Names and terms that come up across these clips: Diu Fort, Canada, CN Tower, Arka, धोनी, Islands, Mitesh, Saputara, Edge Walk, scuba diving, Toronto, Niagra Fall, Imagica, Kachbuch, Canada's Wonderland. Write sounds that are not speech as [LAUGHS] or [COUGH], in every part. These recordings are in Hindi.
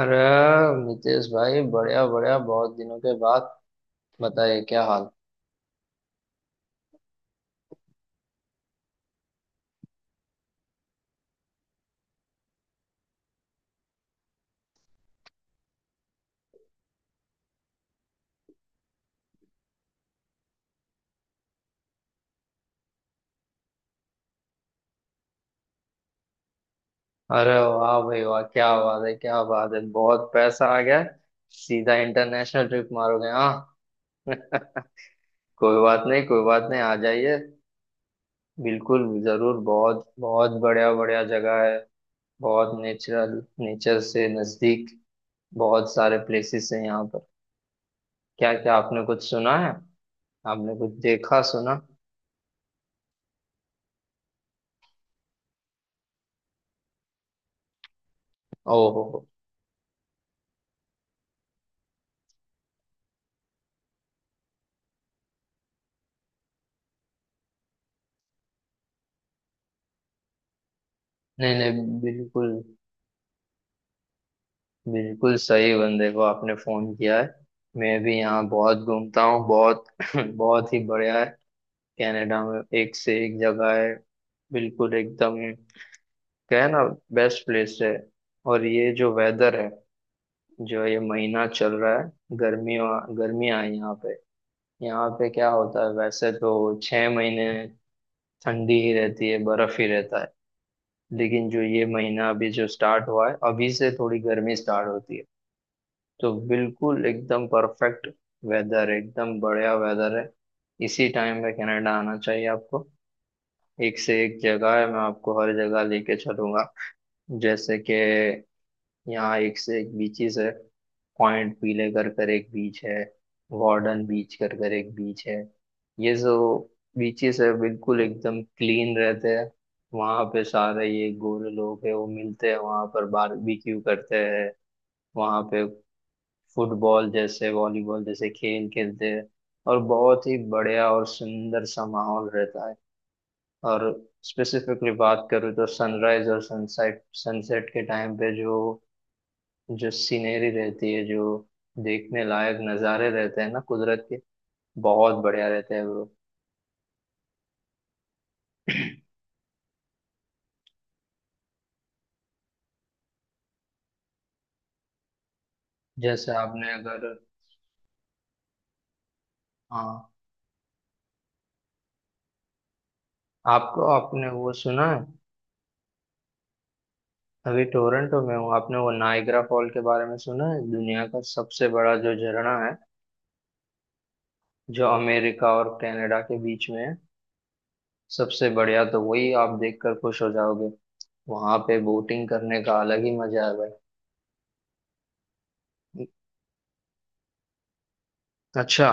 अरे मितेश भाई, बढ़िया बढ़िया, बहुत दिनों के बाद। बताइए क्या हाल। अरे वाह भाई वाह, क्या बात है क्या बात है, बहुत पैसा आ गया। सीधा इंटरनेशनल ट्रिप मारोगे, हाँ? [LAUGHS] कोई बात नहीं, कोई बात नहीं, आ जाइए। बिल्कुल, जरूर। बहुत बहुत बढ़िया बढ़िया जगह है। बहुत नेचुरल, नेचर से नजदीक। बहुत सारे प्लेसेस हैं यहाँ पर। क्या क्या आपने कुछ सुना है? आपने कुछ देखा सुना? ओहो। नहीं नहीं, बिल्कुल, बिल्कुल सही बंदे को आपने फोन किया है। मैं भी यहाँ बहुत घूमता हूँ, बहुत [CLEARS THROAT] [LAUGHS] बहुत ही बढ़िया है। कनाडा में एक से एक जगह है। बिल्कुल एकदम। क्या है ना, बेस्ट प्लेस है। और ये जो वेदर है, जो ये महीना चल रहा है, गर्मियों, गर्मियाँ हैं यहाँ पे। यहाँ पे क्या होता है वैसे तो, 6 महीने ठंडी ही रहती है, बर्फ ही रहता है। लेकिन जो ये महीना अभी जो स्टार्ट हुआ है, अभी से थोड़ी गर्मी स्टार्ट होती है। तो बिल्कुल एकदम परफेक्ट वेदर, एकदम बढ़िया वेदर है। इसी टाइम पे कनाडा आना चाहिए आपको। एक से एक जगह है, मैं आपको हर जगह लेके चलूंगा। जैसे कि यहाँ एक से एक बीचेस है। पॉइंट पीले कर कर एक बीच है। वार्डन बीच कर कर एक बीच है। ये जो बीचेस है, बिल्कुल एकदम क्लीन रहते हैं। वहाँ पे सारे ये गोरे लोग हैं, वो मिलते हैं वहाँ पर, बारबेक्यू करते हैं वहाँ पे। फुटबॉल जैसे, वॉलीबॉल जैसे खेल खेलते हैं। और बहुत ही बढ़िया और सुंदर सा माहौल रहता है। और स्पेसिफिकली बात करूँ तो, सनराइज और सनसेट सनसेट के टाइम पे जो जो सीनरी रहती है, जो देखने लायक नज़ारे रहते हैं ना कुदरत के, बहुत बढ़िया रहते हैं ब्रो। जैसे आपने अगर, हाँ, आपको आपने वो सुना है, अभी टोरंटो में हूँ। आपने वो नाइग्रा फॉल के बारे में सुना है? दुनिया का सबसे बड़ा जो झरना है, जो अमेरिका और कनाडा के बीच में है। सबसे बढ़िया तो वही, आप देखकर खुश हो जाओगे। वहां पे बोटिंग करने का अलग ही मजा है भाई। अच्छा।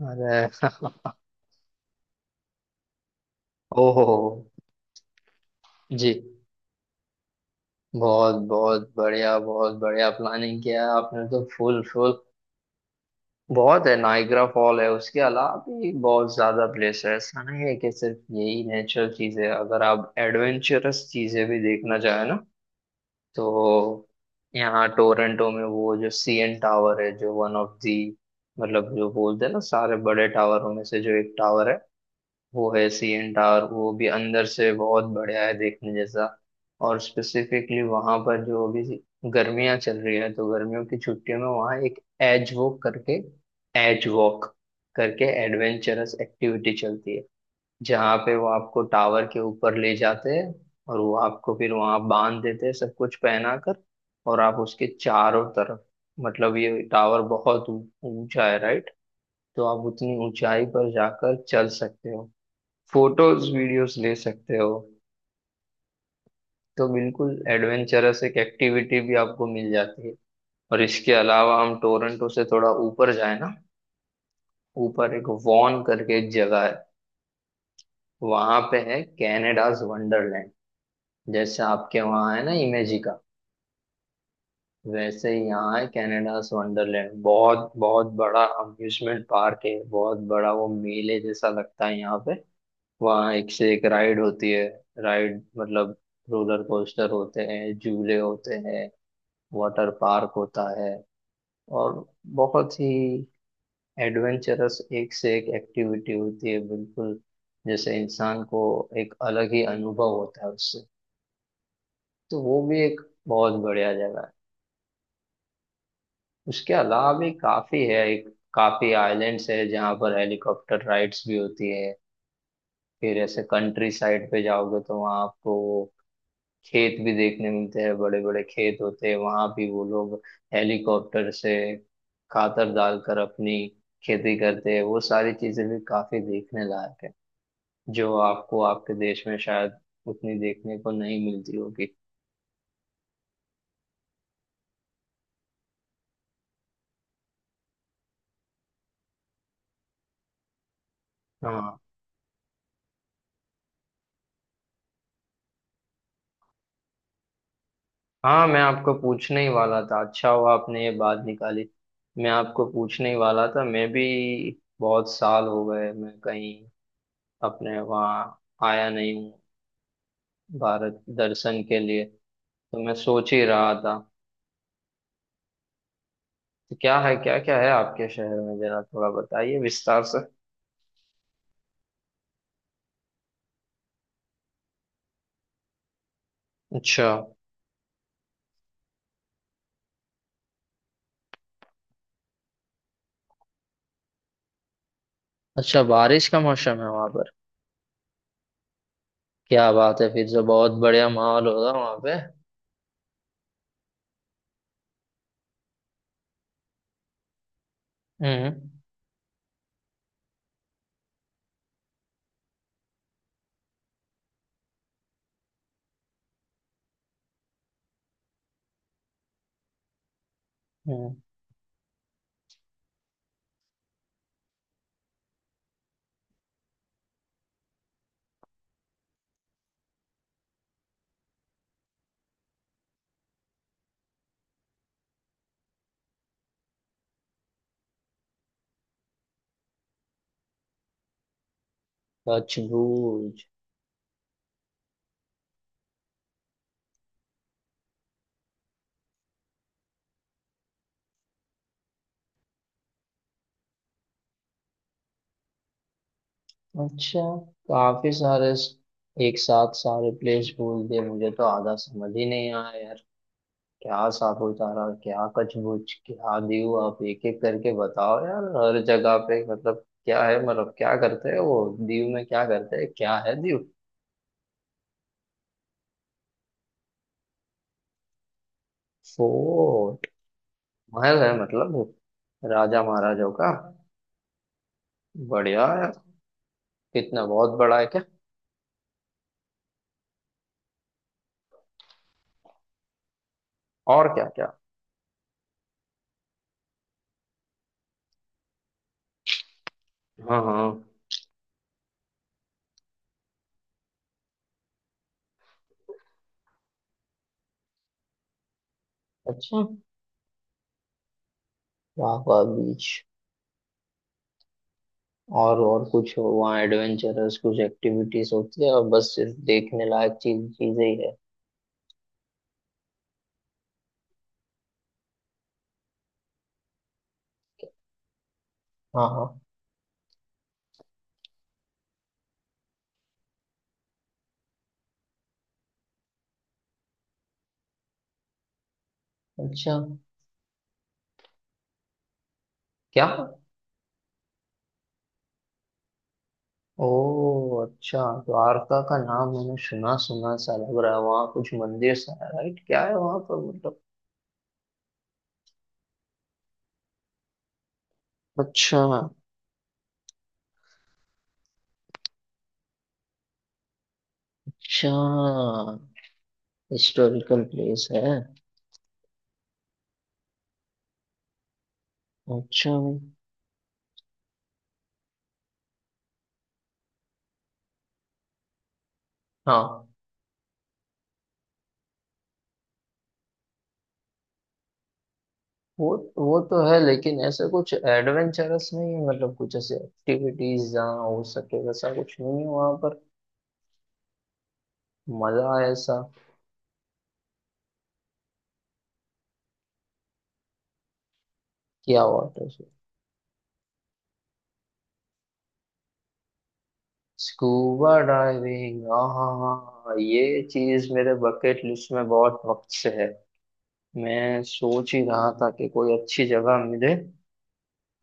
अरे [LAUGHS] ओहो जी। बहुत बहुत बढ़िया, बहुत बढ़िया प्लानिंग किया है आपने तो, फुल फुल। बहुत है, नाइग्रा फॉल है, उसके अलावा भी बहुत ज्यादा प्लेस है। ऐसा नहीं है कि सिर्फ यही नेचुरल चीज है, अगर आप एडवेंचरस चीजें भी देखना चाहें ना, तो यहाँ टोरंटो में वो जो सीएन टावर है, जो वन ऑफ दी, मतलब जो बोलते हैं ना, सारे बड़े टावरों में से जो एक टावर है, वो है सीएन टावर। वो भी अंदर से बहुत बढ़िया है देखने जैसा। और स्पेसिफिकली वहां पर जो अभी गर्मियां चल रही है, तो गर्मियों की छुट्टियों में वहाँ एक एज वॉक करके, एज वॉक करके एडवेंचरस एक्टिविटी चलती है, जहाँ पे वो आपको टावर के ऊपर ले जाते हैं और वो आपको फिर वहां बांध देते हैं सब कुछ पहना कर। और आप उसके चारों तरफ, मतलब ये टावर बहुत ऊंचा है राइट। तो आप उतनी ऊंचाई पर जाकर चल सकते हो, फोटोज वीडियोस ले सकते हो। तो बिल्कुल एडवेंचरस एक एक्टिविटी भी आपको मिल जाती है। और इसके अलावा हम टोरंटो से थोड़ा ऊपर जाए ना, ऊपर एक वॉन करके एक जगह है, वहां पे है कैनेडाज वंडरलैंड। जैसे आपके वहाँ है ना इमेजी का, वैसे ही यहाँ है कनाडास वंडरलैंड। बहुत बहुत बड़ा अम्यूजमेंट पार्क है, बहुत बड़ा। वो मेले जैसा लगता है यहाँ पे। वहाँ एक से एक राइड होती है। राइड मतलब रोलर कोस्टर होते हैं, झूले होते हैं, वाटर पार्क होता है। और बहुत ही एडवेंचरस एक से एक एक्टिविटी होती है, बिल्कुल। जैसे इंसान को एक अलग ही अनुभव होता है उससे। तो वो भी एक बहुत बढ़िया जगह है। उसके अलावा भी काफी है। एक काफी आइलैंड्स है जहाँ पर हेलीकॉप्टर राइड्स भी होती है। फिर ऐसे कंट्री साइड पे जाओगे तो वहाँ आपको खेत भी देखने मिलते हैं। बड़े बड़े खेत होते हैं वहाँ भी। वो लोग हेलीकॉप्टर से खातर डालकर अपनी खेती करते हैं। वो सारी चीजें भी काफी देखने लायक है, जो आपको आपके देश में शायद उतनी देखने को नहीं मिलती होगी। हाँ हाँ, मैं आपको पूछने ही वाला था। अच्छा हुआ आपने ये बात निकाली। मैं आपको पूछने ही वाला था। मैं भी बहुत साल हो गए, मैं कहीं अपने वहाँ आया नहीं हूँ। भारत दर्शन के लिए तो मैं सोच ही रहा था। तो क्या है, क्या क्या है आपके शहर में? जरा थोड़ा बताइए विस्तार से। अच्छा। अच्छा, बारिश का मौसम है वहां पर। क्या बात है, फिर तो बहुत बढ़िया माहौल होगा वहां पे। हम्म। हम्म, सचमुच। अच्छा, काफी सारे स-, एक साथ सारे प्लेस बोल दिए, मुझे तो आधा समझ ही नहीं आया यार। क्या सापुतारा, क्या कचबुच, क्या दीव, आप एक एक करके बताओ यार। हर जगह पे मतलब क्या है, मतलब क्या करते हैं वो। दीव में क्या करते हैं? क्या है दीव? फोर्ट। महल है मतलब, राजा महाराजाओं का? बढ़िया है। कितना, बहुत बड़ा है क्या? और क्या क्या? हाँ हाँ। अच्छा। वाह वाह बीच। और कुछ वहाँ एडवेंचरस कुछ एक्टिविटीज होती है? और बस सिर्फ देखने लायक चीजें ही है? हाँ हाँ। अच्छा। क्या? ओ, अच्छा। तो आरका का नाम मैंने सुना सुना सा लग रहा है। वहाँ कुछ मंदिर सा है राइट? क्या है वहाँ पर मतलब? अच्छा। अच्छा, हिस्टोरिकल प्लेस है। अच्छा भाई। हाँ, वो वो तो है, लेकिन ऐसा कुछ एडवेंचरस नहीं है, मतलब कुछ ऐसे एक्टिविटीज जहाँ हो सके वैसा कुछ नहीं है वहाँ पर? मजा ऐसा। क्या, वाटर से? स्कूबा डाइविंग, आहा। ये चीज मेरे बकेट लिस्ट में बहुत वक्त से है। मैं सोच ही रहा था कि कोई अच्छी जगह मिले,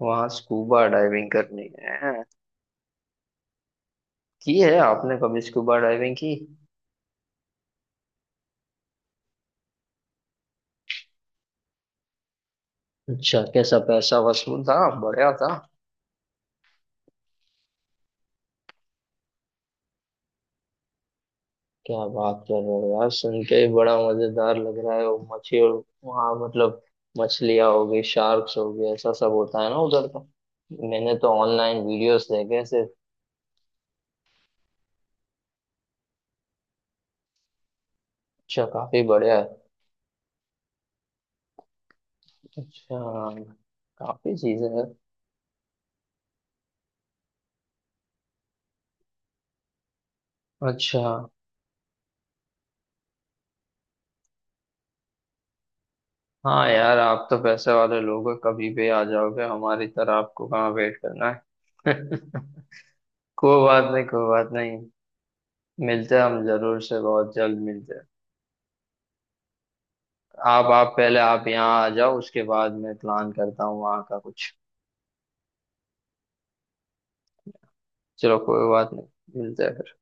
वहां स्कूबा डाइविंग करनी है। की है आपने कभी स्कूबा डाइविंग की? अच्छा, कैसा, पैसा वसूल था, बढ़िया था? क्या बात कर रहे हो यार, सुन के ही बड़ा मजेदार लग रहा है। वो मछली और वहाँ मतलब, मछलियाँ हो गई, शार्क्स हो गए, ऐसा सब होता है ना उधर का? मैंने तो ऑनलाइन वीडियोस देखे ऐसे। अच्छा, काफी बढ़िया है। अच्छा, काफी चीजें हैं। अच्छा। हाँ यार, आप तो पैसे वाले लोग हो, कभी भी आ जाओगे। हमारी तरह आपको कहाँ वेट करना है? [LAUGHS] कोई बात नहीं, कोई बात नहीं। मिलते हैं हम, जरूर से, बहुत जल्द मिलते हैं। आप पहले आप यहाँ आ जाओ, उसके बाद मैं प्लान करता हूँ वहाँ का कुछ। चलो, कोई बात नहीं, मिलते हैं फिर।